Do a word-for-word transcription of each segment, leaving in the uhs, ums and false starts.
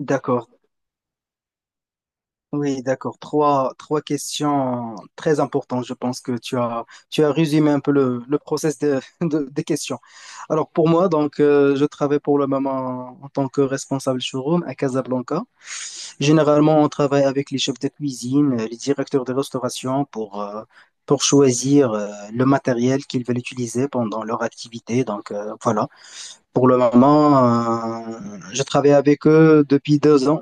D'accord, oui, d'accord. Trois, trois questions très importantes. Je pense que tu as, tu as résumé un peu le, le process de- de- des questions. Alors pour moi, donc, euh, je travaille pour le moment en tant que responsable showroom à Casablanca. Généralement, on travaille avec les chefs de cuisine, euh, les directeurs de restauration pour, euh, pour choisir euh, le matériel qu'ils veulent utiliser pendant leur activité. Donc euh, voilà, pour le moment, euh, je travaille avec eux depuis deux ans.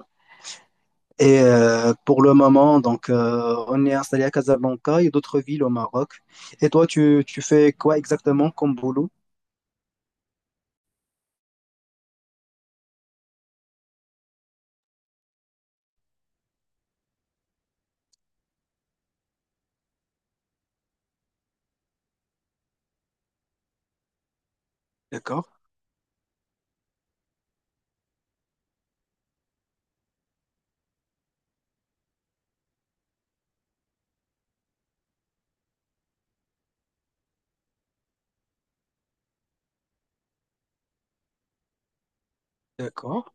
Et euh, pour le moment, donc, euh, on est installé à Casablanca et d'autres villes au Maroc. Et toi, tu, tu fais quoi exactement comme boulot? D'accord, d'accord.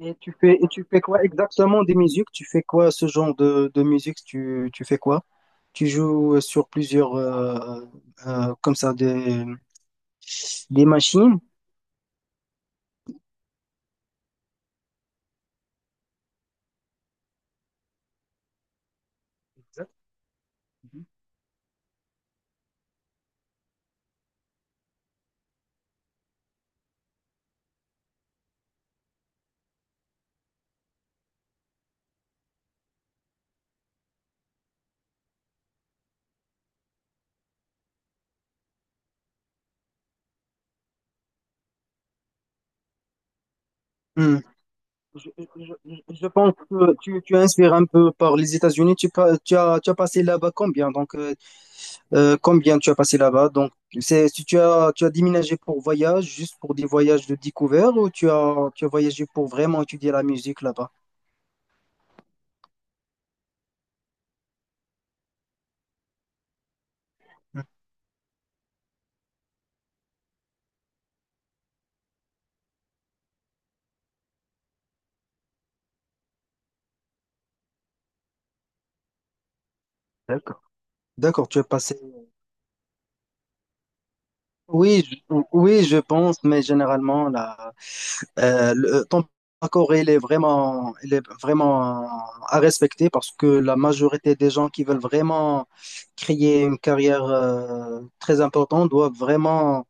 Et tu fais, et tu fais quoi exactement des musiques? Tu fais quoi ce genre de, de musique? Tu, tu fais quoi? Tu joues sur plusieurs, euh, euh, comme ça, des, des machines? Exact. Je, je- je- pense que tu, tu inspires un peu par les États-Unis. Tu, pa- tu as, tu as passé là-bas combien? Donc, euh, euh, combien tu as passé là-bas? Donc, c'est, si tu as, tu as déménagé pour voyage, juste pour des voyages de découverte, ou tu as, tu as voyagé pour vraiment étudier la musique là-bas? Hmm, D'accord. D'accord, tu as passé. Oui, je- oui, je pense, mais généralement, là. Euh, le- euh, ton accord, il est vraiment, il est vraiment à respecter parce que la majorité des gens qui veulent vraiment créer une carrière euh, très importante doivent vraiment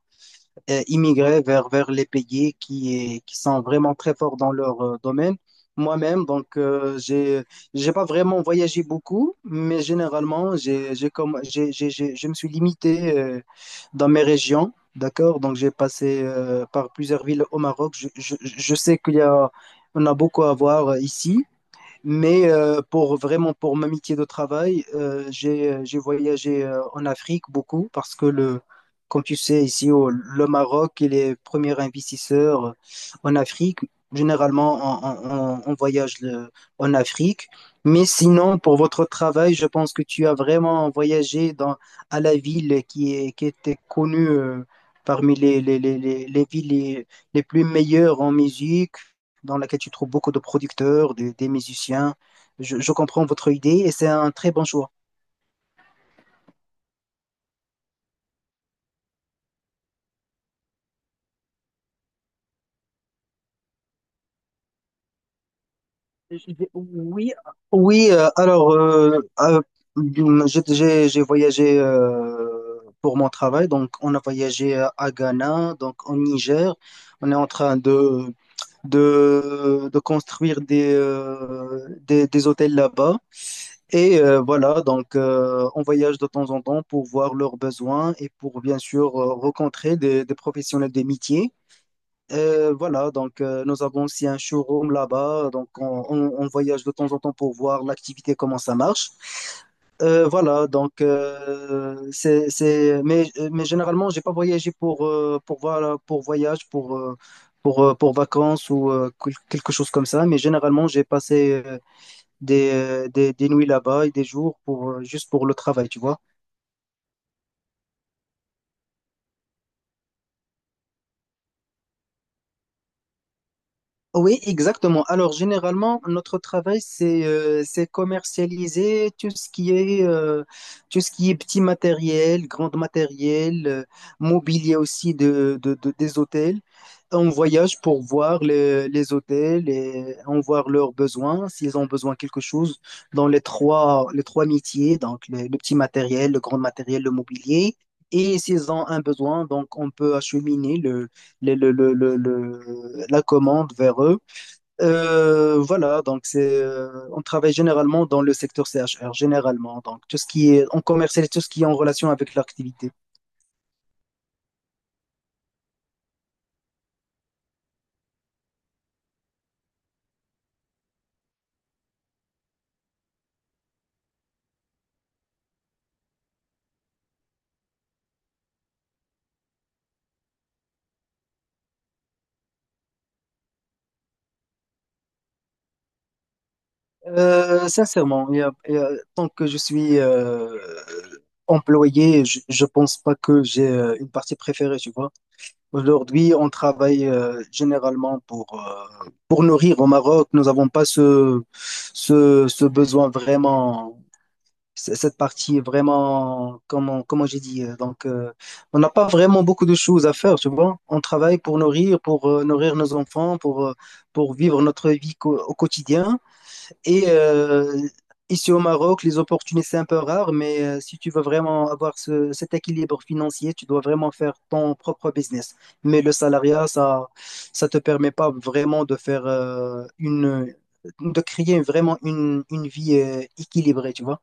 euh, immigrer vers, vers les pays qui, qui sont vraiment très forts dans leur euh, domaine. Moi-même, donc, euh, j'ai, j'ai pas vraiment voyagé beaucoup, mais généralement, j'ai, j'ai comme, j'ai, j'ai, j'ai- je me suis limité euh, dans mes régions, d'accord? Donc, j'ai passé euh, par plusieurs villes au Maroc. Je, je, je sais qu'il y a, on a beaucoup à voir euh, ici. Mais euh, pour vraiment pour m'amitié de travail, euh, j'ai j'ai voyagé euh, en Afrique beaucoup parce que le comme tu sais ici au, le Maroc il est premier investisseur en Afrique. Généralement on, on- on voyage le- en Afrique. Mais sinon pour votre travail, je pense que tu as vraiment voyagé dans à la ville qui est qui était connue euh, parmi les les, les, les les villes les, les plus meilleures en musique dans laquelle tu trouves beaucoup de producteurs, des, des musiciens. Je, je comprends votre idée et c'est un très bon choix. Je vais- Oui, Oui, euh, alors, euh, euh, hum, j'ai j'ai- j'ai voyagé euh, pour mon travail, donc on a voyagé à Ghana, donc au Niger. On est en train de, de, de construire des, euh, des, des hôtels là-bas. Et euh, voilà, donc euh, on voyage de temps en temps pour voir leurs besoins et pour bien sûr euh, rencontrer des, des professionnels des métiers. Euh, voilà, donc euh, nous avons aussi un showroom là-bas, donc on, on- on voyage de temps en temps pour voir l'activité, comment ça marche. Euh, voilà, donc euh, c'est, c'est, mais, mais généralement, j'ai pas voyagé pour, euh, pour, voir- pour voyage, pour, euh, pour, euh, pour vacances ou euh, quel- quelque chose comme ça, mais généralement, j'ai passé euh, des, euh, des, des nuits là-bas et des jours pour, euh, juste pour le travail, tu vois. Oui, exactement. Alors, généralement, notre travail, c'est euh, c'est commercialiser tout ce qui est euh, tout ce qui est petit matériel, grand matériel, euh, mobilier aussi de, de- de- des hôtels. On voyage pour voir les, les hôtels et on voit leurs besoins, s'ils ont besoin de quelque chose dans les trois les trois métiers, donc le, le petit matériel, le grand matériel, le mobilier. Et s'ils ont un besoin, donc on peut acheminer les- le- le- le- le- la commande vers eux. Euh, voilà, donc c'est, euh, on travaille généralement dans le secteur C H R généralement. Donc tout ce qui est en commercial tout ce qui est en relation avec l'activité. Euh, sincèrement, il y a- il y a- tant que je suis euh, employé, je, je pense pas que j'ai euh, une partie préférée, tu vois. Aujourd'hui, on travaille euh, généralement pour, euh, pour nourrir au Maroc. Nous n'avons pas ce, ce, ce besoin vraiment, c- cette partie vraiment, comment, comment j'ai dit. euh, Donc, euh, on n'a pas vraiment beaucoup de choses à faire, tu vois. On travaille pour nourrir, pour euh, nourrir nos enfants, pour, euh, pour vivre notre vie co- au quotidien. Et euh, ici au Maroc, les opportunités, c'est un peu rare, mais euh, si tu veux vraiment avoir ce- cet équilibre financier, tu dois vraiment faire ton propre business. Mais le salariat, ça ça te permet pas vraiment de faire euh, une, de créer vraiment une, une vie euh, équilibrée, tu vois.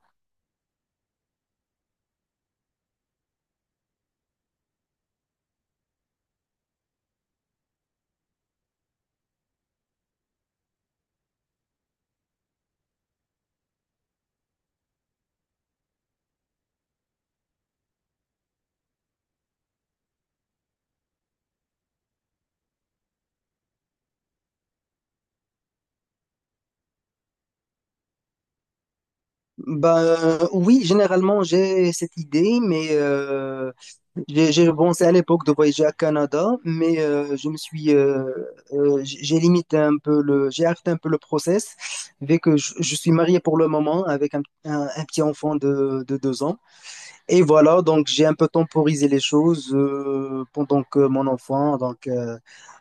Bah, oui, généralement, j'ai cette idée, mais euh, j'ai j'ai pensé à l'époque de voyager à Canada, mais euh, je me suis, euh, euh, j'ai j'ai limité un peu le, j'ai arrêté un peu le process, vu que je, je suis marié pour le moment avec un, un- un petit enfant de, de deux ans. Et voilà, donc j'ai un peu temporisé les choses euh, pendant que mon enfant, donc euh,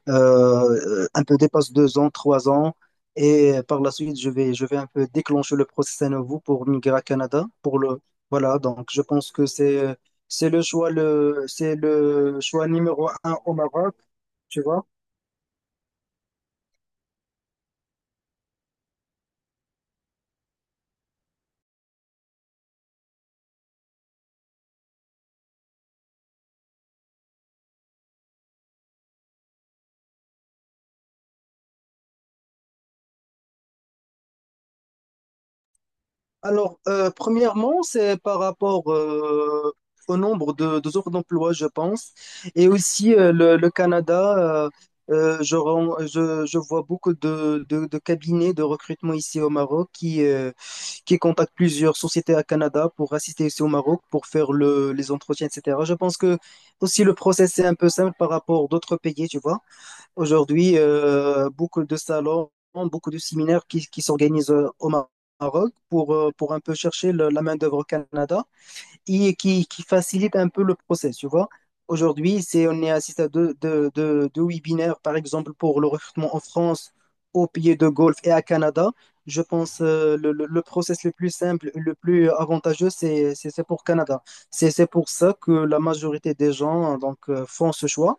euh, un peu dépasse deux ans, trois ans, et par la suite je vais, je vais un peu déclencher le process à nouveau pour migrer à Canada, pour le, voilà, donc je pense que c'est, c'est le choix le, c'est le choix numéro un au Maroc, tu vois. Alors, euh, premièrement, c'est par rapport euh, au nombre de, de offres d'emploi, je pense. Et aussi, euh, le, le Canada, euh, euh, je, ren- je, je vois beaucoup de, de, de cabinets de recrutement ici au Maroc qui, euh, qui contactent plusieurs sociétés à Canada pour assister ici au Maroc pour faire le, les entretiens, et cetera. Je pense que aussi le process est un peu simple par rapport d'autres pays, tu vois. Aujourd'hui, euh, beaucoup de salons, beaucoup de séminaires qui, qui s'organisent euh, au Maroc pour, euh, pour un peu chercher le- la main-d'œuvre au Canada et qui, qui facilite un peu le process, tu vois. Aujourd'hui, c'est, on est assisté à deux, deux, deux- deux webinaires, par exemple, pour le recrutement en France, aux pays de Golfe et à Canada. Je pense euh, le, le, le process le plus simple, le plus avantageux, c'est, c'est, c'est pour Canada. C'est, c'est pour ça que la majorité des gens donc, euh, font ce choix.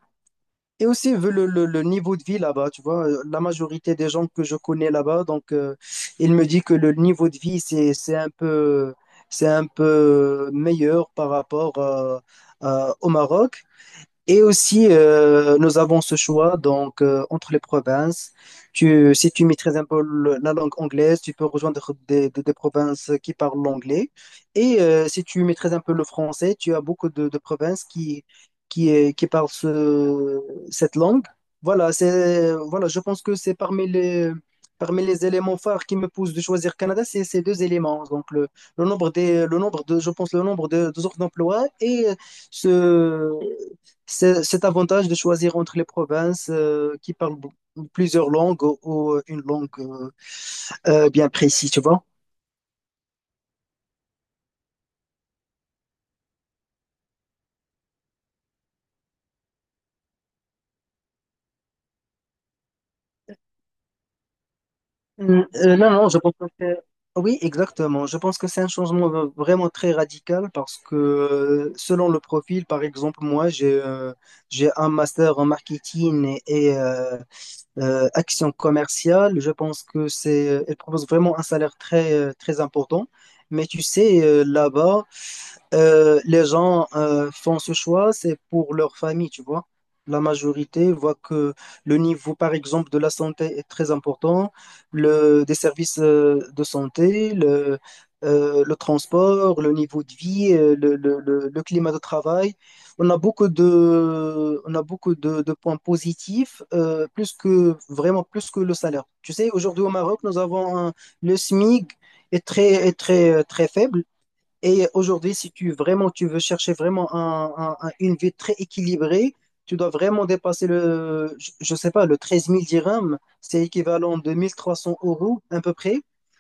Et aussi, vu le, le, le niveau de vie là-bas, tu vois, euh, la majorité des gens que je connais là-bas, donc, euh, il me dit que le niveau de vie, c'est, c'est un peu, c'est un peu meilleur par rapport euh, euh, au Maroc. Et aussi, euh, nous avons ce choix donc euh, entre les provinces. Tu, si tu maîtrises un peu le- la langue anglaise, tu peux rejoindre des, des- des provinces qui parlent l'anglais. Et euh, si tu maîtrises un peu le français, tu as beaucoup de, de provinces qui, qui, euh, qui parlent ce- cette langue. Voilà, c'est, voilà, je pense que c'est parmi les, parmi les éléments phares qui me poussent de choisir Canada, c'est ces deux éléments. Donc le, le nombre des, le nombre de, je pense le nombre de, de offres d'emploi et ce c'est cet avantage de choisir entre les provinces euh, qui parlent b- plusieurs langues ou, ou euh, une langue euh, euh, bien précise, tu vois. Mm, euh, non, non, je pense que c'est- Oui, exactement. Je pense que c'est un changement v- vraiment très radical parce que euh, selon le profil, par exemple, moi, j'ai euh, j'ai un master en marketing et, et, euh, euh, action commerciale. Je pense que c'est, elle propose vraiment un salaire très, euh, très important. Mais tu sais, euh, là-bas, Euh, les gens euh, font ce choix, c'est pour leur famille, tu vois. La majorité voit que le niveau, par exemple, de la santé est très important, le, des services euh, de santé, le, euh, le transport, le niveau de vie, euh, le, le- le- le climat de travail. On a beaucoup de, on a beaucoup de, de points positifs, euh, plus que, vraiment plus que le salaire. Tu sais, aujourd'hui au Maroc, nous avons un- le S M I G est très, est très, euh, très faible. Et aujourd'hui, si tu vraiment tu veux chercher vraiment un- un- un- une vie très équilibrée, tu dois vraiment dépasser le, je, je sais pas, le treize mille dirhams, c'est équivalent de mille trois cents euros à peu près.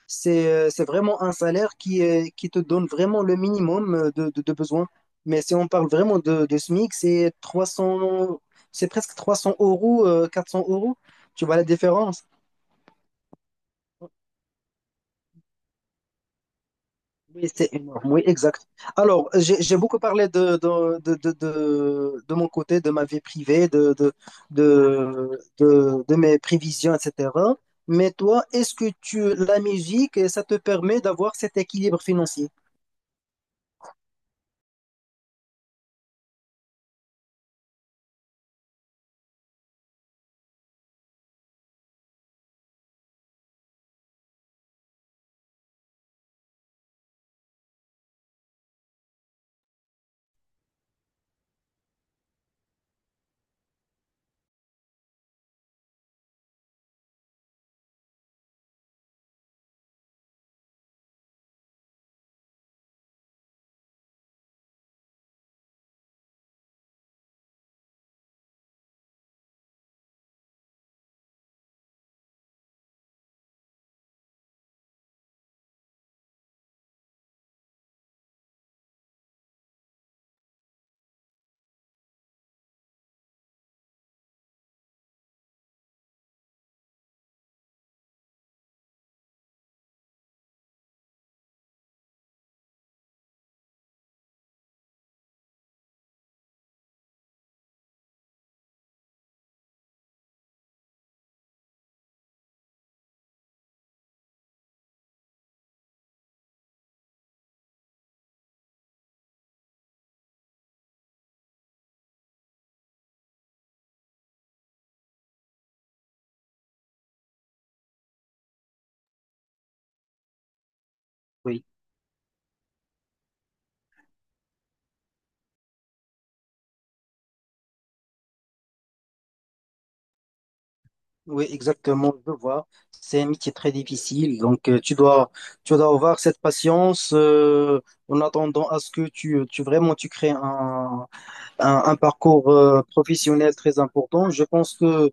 C'est, euh, c'est vraiment un salaire qui, est- qui te donne vraiment le minimum euh, de, de, de besoins. Mais si on parle vraiment de, de S M I C, c'est trois cents, c'est presque trois cents euros, euh, quatre cents euros. Tu vois la différence? Oui, c'est énorme, oui, exact. Alors, j'ai j'ai beaucoup parlé de, de, de, de, de, de mon côté, de ma vie privée, de, de, de, de, de mes prévisions, et cetera. Mais toi, est-ce que tu, la musique, ça te permet d'avoir cet équilibre financier? Oui. Oui, exactement, je vois. C'est un métier très difficile, donc euh, tu dois, tu dois avoir cette patience euh, en attendant à ce que tu, tu vraiment tu crées un, un, un parcours euh, professionnel très important. Je pense que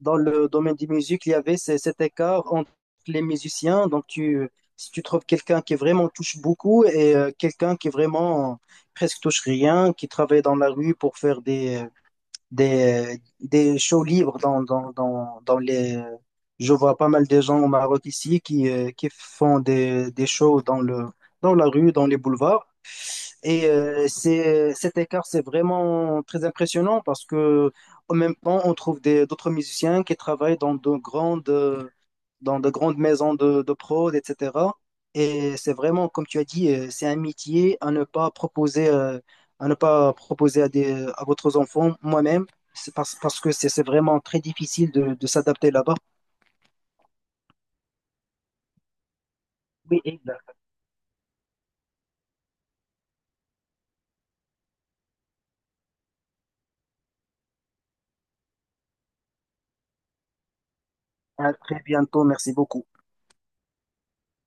dans le domaine des musiques, il y avait ce- cet écart entre les musiciens. Donc tu, si tu trouves quelqu'un qui vraiment touche beaucoup et euh, quelqu'un qui vraiment presque touche rien, qui travaille dans la rue pour faire des des, des shows libres dans, dans, dans, dans les... Je vois pas mal de gens au Maroc ici qui, euh, qui font des, des shows dans le, dans la rue, dans les boulevards. Et euh, c'est, cet écart, c'est vraiment très impressionnant parce que en même temps, on trouve des, d'autres musiciens qui travaillent dans de grandes dans de grandes maisons de, de prod, et cetera. Et c'est vraiment, comme tu as dit, euh, c'est un métier à ne pas proposer, euh, à ne pas proposer à des, à votre enfant, moi-même, c'est parce, parce que c'est c'est vraiment très difficile de, de s'adapter là-bas. Oui, exact. À très bientôt. Merci beaucoup.